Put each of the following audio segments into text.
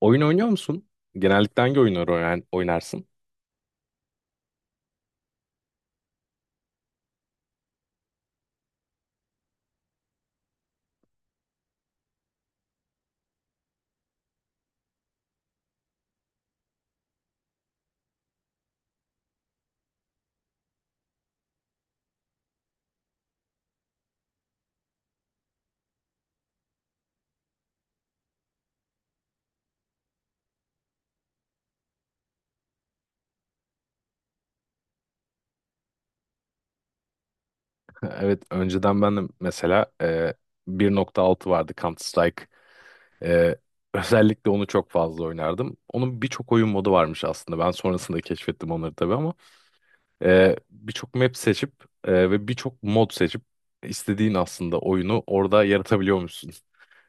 Oyun oynuyor musun? Genellikle hangi oyunları oynarsın? Evet, önceden ben de mesela 1.6 vardı Counter-Strike. E, özellikle onu çok fazla oynardım. Onun birçok oyun modu varmış aslında. Ben sonrasında keşfettim onları tabii ama birçok map seçip ve birçok mod seçip istediğin aslında oyunu orada yaratabiliyormuşsun.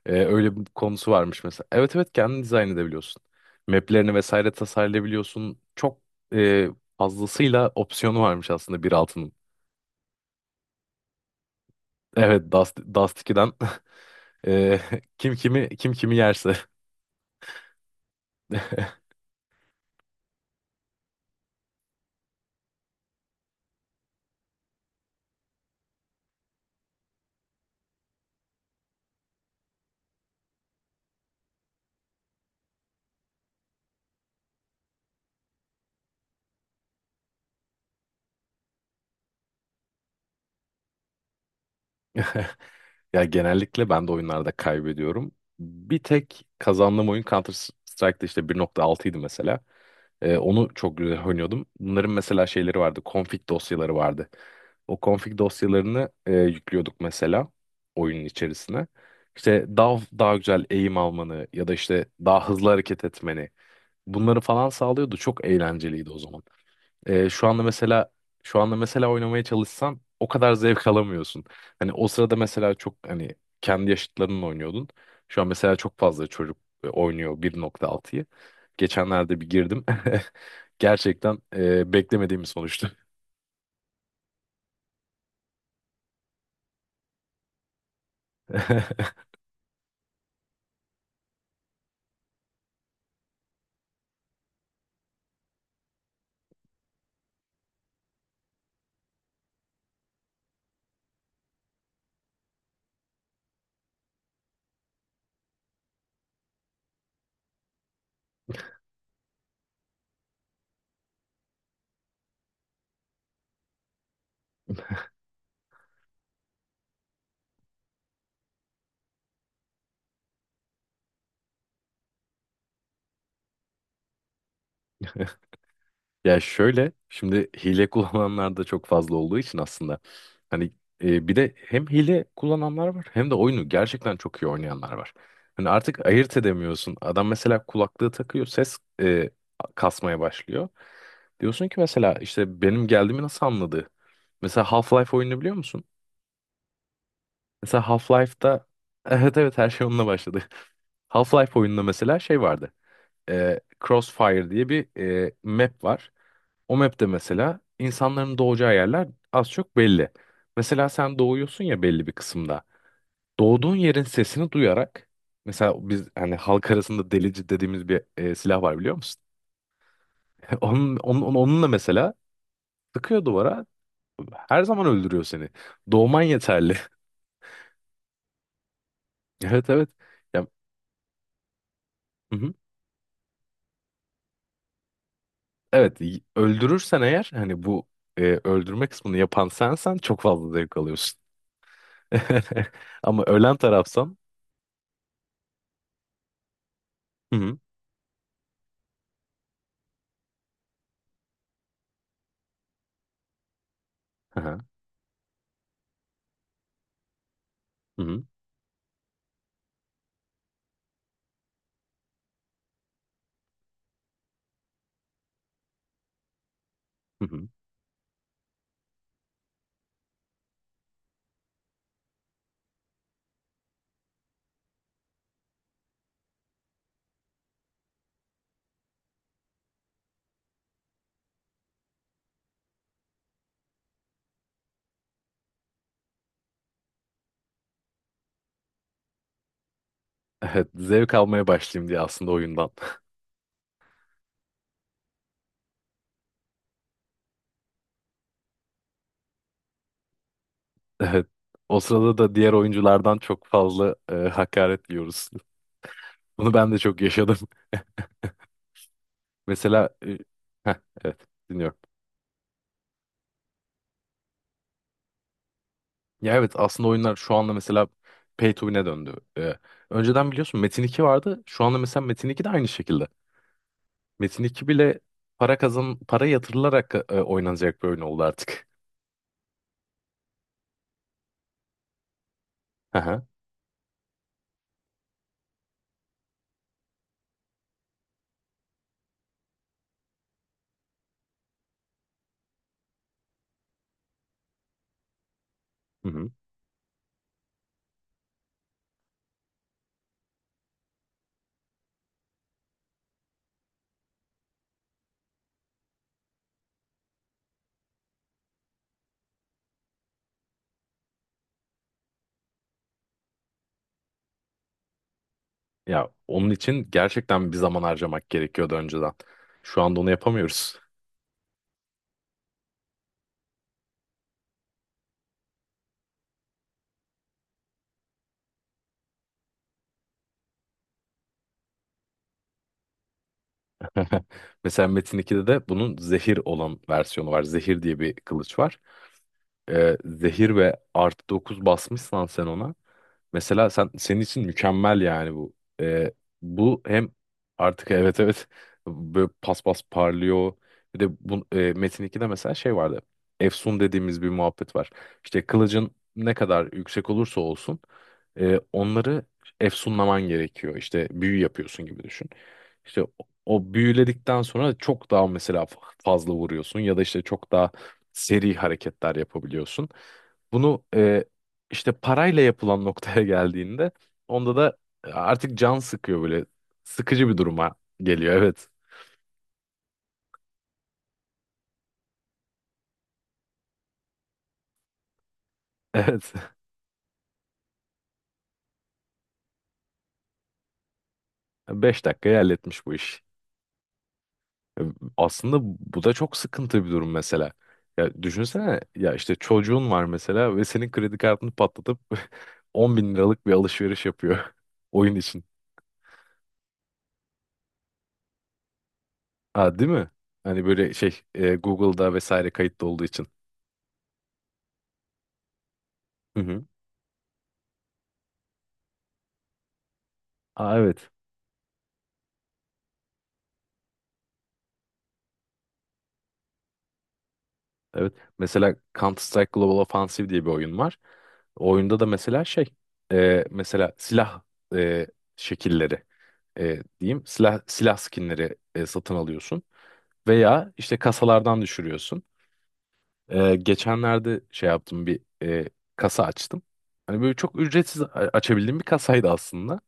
Öyle bir konusu varmış mesela. Evet, evet, kendin dizayn edebiliyorsun. Map'lerini vesaire tasarlayabiliyorsun. Çok e, fazlasıyla opsiyonu varmış aslında 1.6'nın. Evet, Dust, Dust 2'den. Ee, kim kimi, kim kimi yerse. Ya, genellikle ben de oyunlarda kaybediyorum. Bir tek kazandığım oyun Counter Strike'da işte 1.6'ydı mesela. Onu çok güzel oynuyordum. Bunların mesela şeyleri vardı. Config dosyaları vardı. O config dosyalarını yüklüyorduk mesela oyunun içerisine. İşte daha daha güzel eğim almanı ya da işte daha hızlı hareket etmeni bunları falan sağlıyordu. Çok eğlenceliydi o zaman. Ee, şu anda mesela şu anda mesela oynamaya çalışsan o kadar zevk alamıyorsun. Hani o sırada mesela çok, hani, kendi yaşıtlarınla oynuyordun. Şu an mesela çok fazla çocuk oynuyor 1.6'yı. Geçenlerde bir girdim. Gerçekten beklemediğim bir sonuçtu. Ya, şöyle, şimdi hile kullananlar da çok fazla olduğu için aslında hani, bir de hem hile kullananlar var hem de oyunu gerçekten çok iyi oynayanlar var. Hani artık ayırt edemiyorsun. Adam mesela kulaklığı takıyor, ses kasmaya başlıyor. Diyorsun ki mesela işte benim geldiğimi nasıl anladı? Mesela Half-Life oyununu biliyor musun? Mesela Half-Life'da evet, evet, her şey onunla başladı. Half-Life oyununda mesela şey vardı. E, Crossfire diye bir map var. O map'te mesela insanların doğacağı yerler az çok belli. Mesela sen doğuyorsun ya belli bir kısımda. Doğduğun yerin sesini duyarak mesela biz, hani, halk arasında delici dediğimiz bir silah var, biliyor musun? Onunla mesela sıkıyor duvara, her zaman öldürüyor seni. Doğman yeterli. Evet, evet. Ya, hı hı. Evet, öldürürsen eğer, hani, bu öldürme kısmını yapan sensen çok fazla zevk alıyorsun. Ama ölen tarafsan, hı hı. Hı, hı hı. Hı hı. Evet, zevk almaya başlayayım diye aslında oyundan. Evet. O sırada da diğer oyunculardan çok fazla hakaret yiyoruz. Bunu ben de çok yaşadım. Mesela heh, evet, dinliyorum. Ya, evet, aslında oyunlar şu anda mesela pay to win'e döndü. Önceden biliyorsun Metin 2 vardı. Şu anda mesela Metin 2 de aynı şekilde. Metin 2 bile para kazan, para yatırılarak oynanacak bir oyun oldu artık. Hı hı. Hı hı. Ya, onun için gerçekten bir zaman harcamak gerekiyordu önceden. Şu anda onu yapamıyoruz. Mesela Metin 2'de de bunun zehir olan versiyonu var. Zehir diye bir kılıç var. Zehir ve artı 9 basmışsan sen ona. Mesela sen, senin için mükemmel, yani, bu. Ee, bu hem, artık, evet, evet, böyle pas pas parlıyor. Bir de bu Metin 2'de mesela şey vardı. Efsun dediğimiz bir muhabbet var. İşte kılıcın ne kadar yüksek olursa olsun onları efsunlaman gerekiyor. İşte büyü yapıyorsun gibi düşün. İşte o büyüledikten sonra çok daha mesela fazla vuruyorsun ya da işte çok daha seri hareketler yapabiliyorsun. Bunu işte parayla yapılan noktaya geldiğinde onda da artık can sıkıyor böyle. Sıkıcı bir duruma geliyor. Evet. Evet. 5 dakikaya halletmiş bu iş. E, Aslında bu da çok sıkıntı bir durum mesela. Ya düşünsene ya, işte çocuğun var mesela ve senin kredi kartını patlatıp 10 bin liralık bir alışveriş yapıyor oyun için. Ha, değil mi? Hani böyle şey, Google'da vesaire kayıtlı olduğu için. Hı hı. Aa, evet. Evet. Mesela Counter Strike Global Offensive diye bir oyun var. O oyunda da mesela şey, mesela silah e, şekilleri, diyeyim, silah silah skinleri satın alıyorsun veya işte kasalardan düşürüyorsun. Geçenlerde şey yaptım, bir kasa açtım. Hani böyle çok ücretsiz açabildiğim bir kasaydı aslında.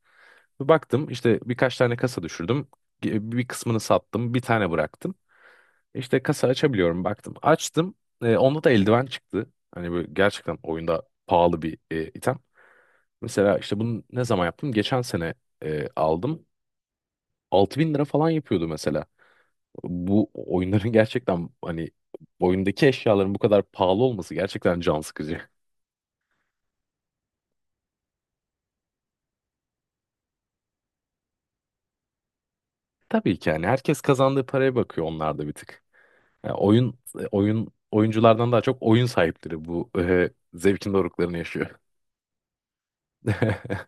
Bir baktım, işte birkaç tane kasa düşürdüm. Bir kısmını sattım, bir tane bıraktım. İşte kasa açabiliyorum, baktım. Açtım. Onda da eldiven çıktı. Hani böyle gerçekten oyunda pahalı bir item. Mesela işte bunu ne zaman yaptım? Geçen sene aldım. 6 bin lira falan yapıyordu mesela. Bu oyunların gerçekten, hani, oyundaki eşyaların bu kadar pahalı olması gerçekten can sıkıcı. Tabii ki yani herkes kazandığı paraya bakıyor, onlar da bir tık. Yani oyun oyunculardan daha çok oyun sahipleri bu zevkin doruklarını yaşıyor. Hı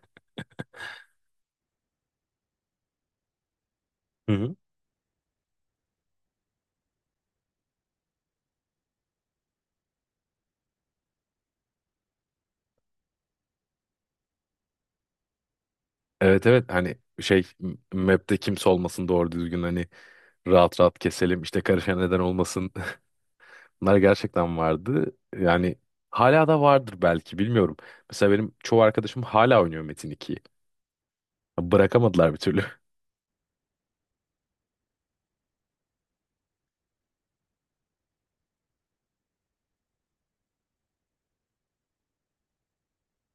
hı. Evet, evet, hani, şey, map'te kimse olmasın, doğru düzgün, hani, rahat rahat keselim, işte, karışan neden olmasın. Bunlar gerçekten vardı. Yani hala da vardır belki, bilmiyorum. Mesela benim çoğu arkadaşım hala oynuyor Metin 2'yi. Bırakamadılar bir türlü.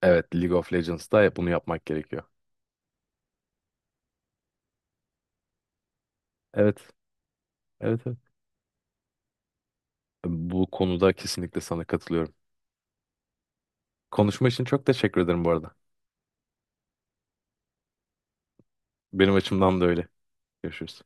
Evet, League of Legends'da bunu yapmak gerekiyor. Evet, evet, evet. Bu konuda kesinlikle sana katılıyorum. Konuşma için çok teşekkür ederim bu arada. Benim açımdan da öyle. Görüşürüz.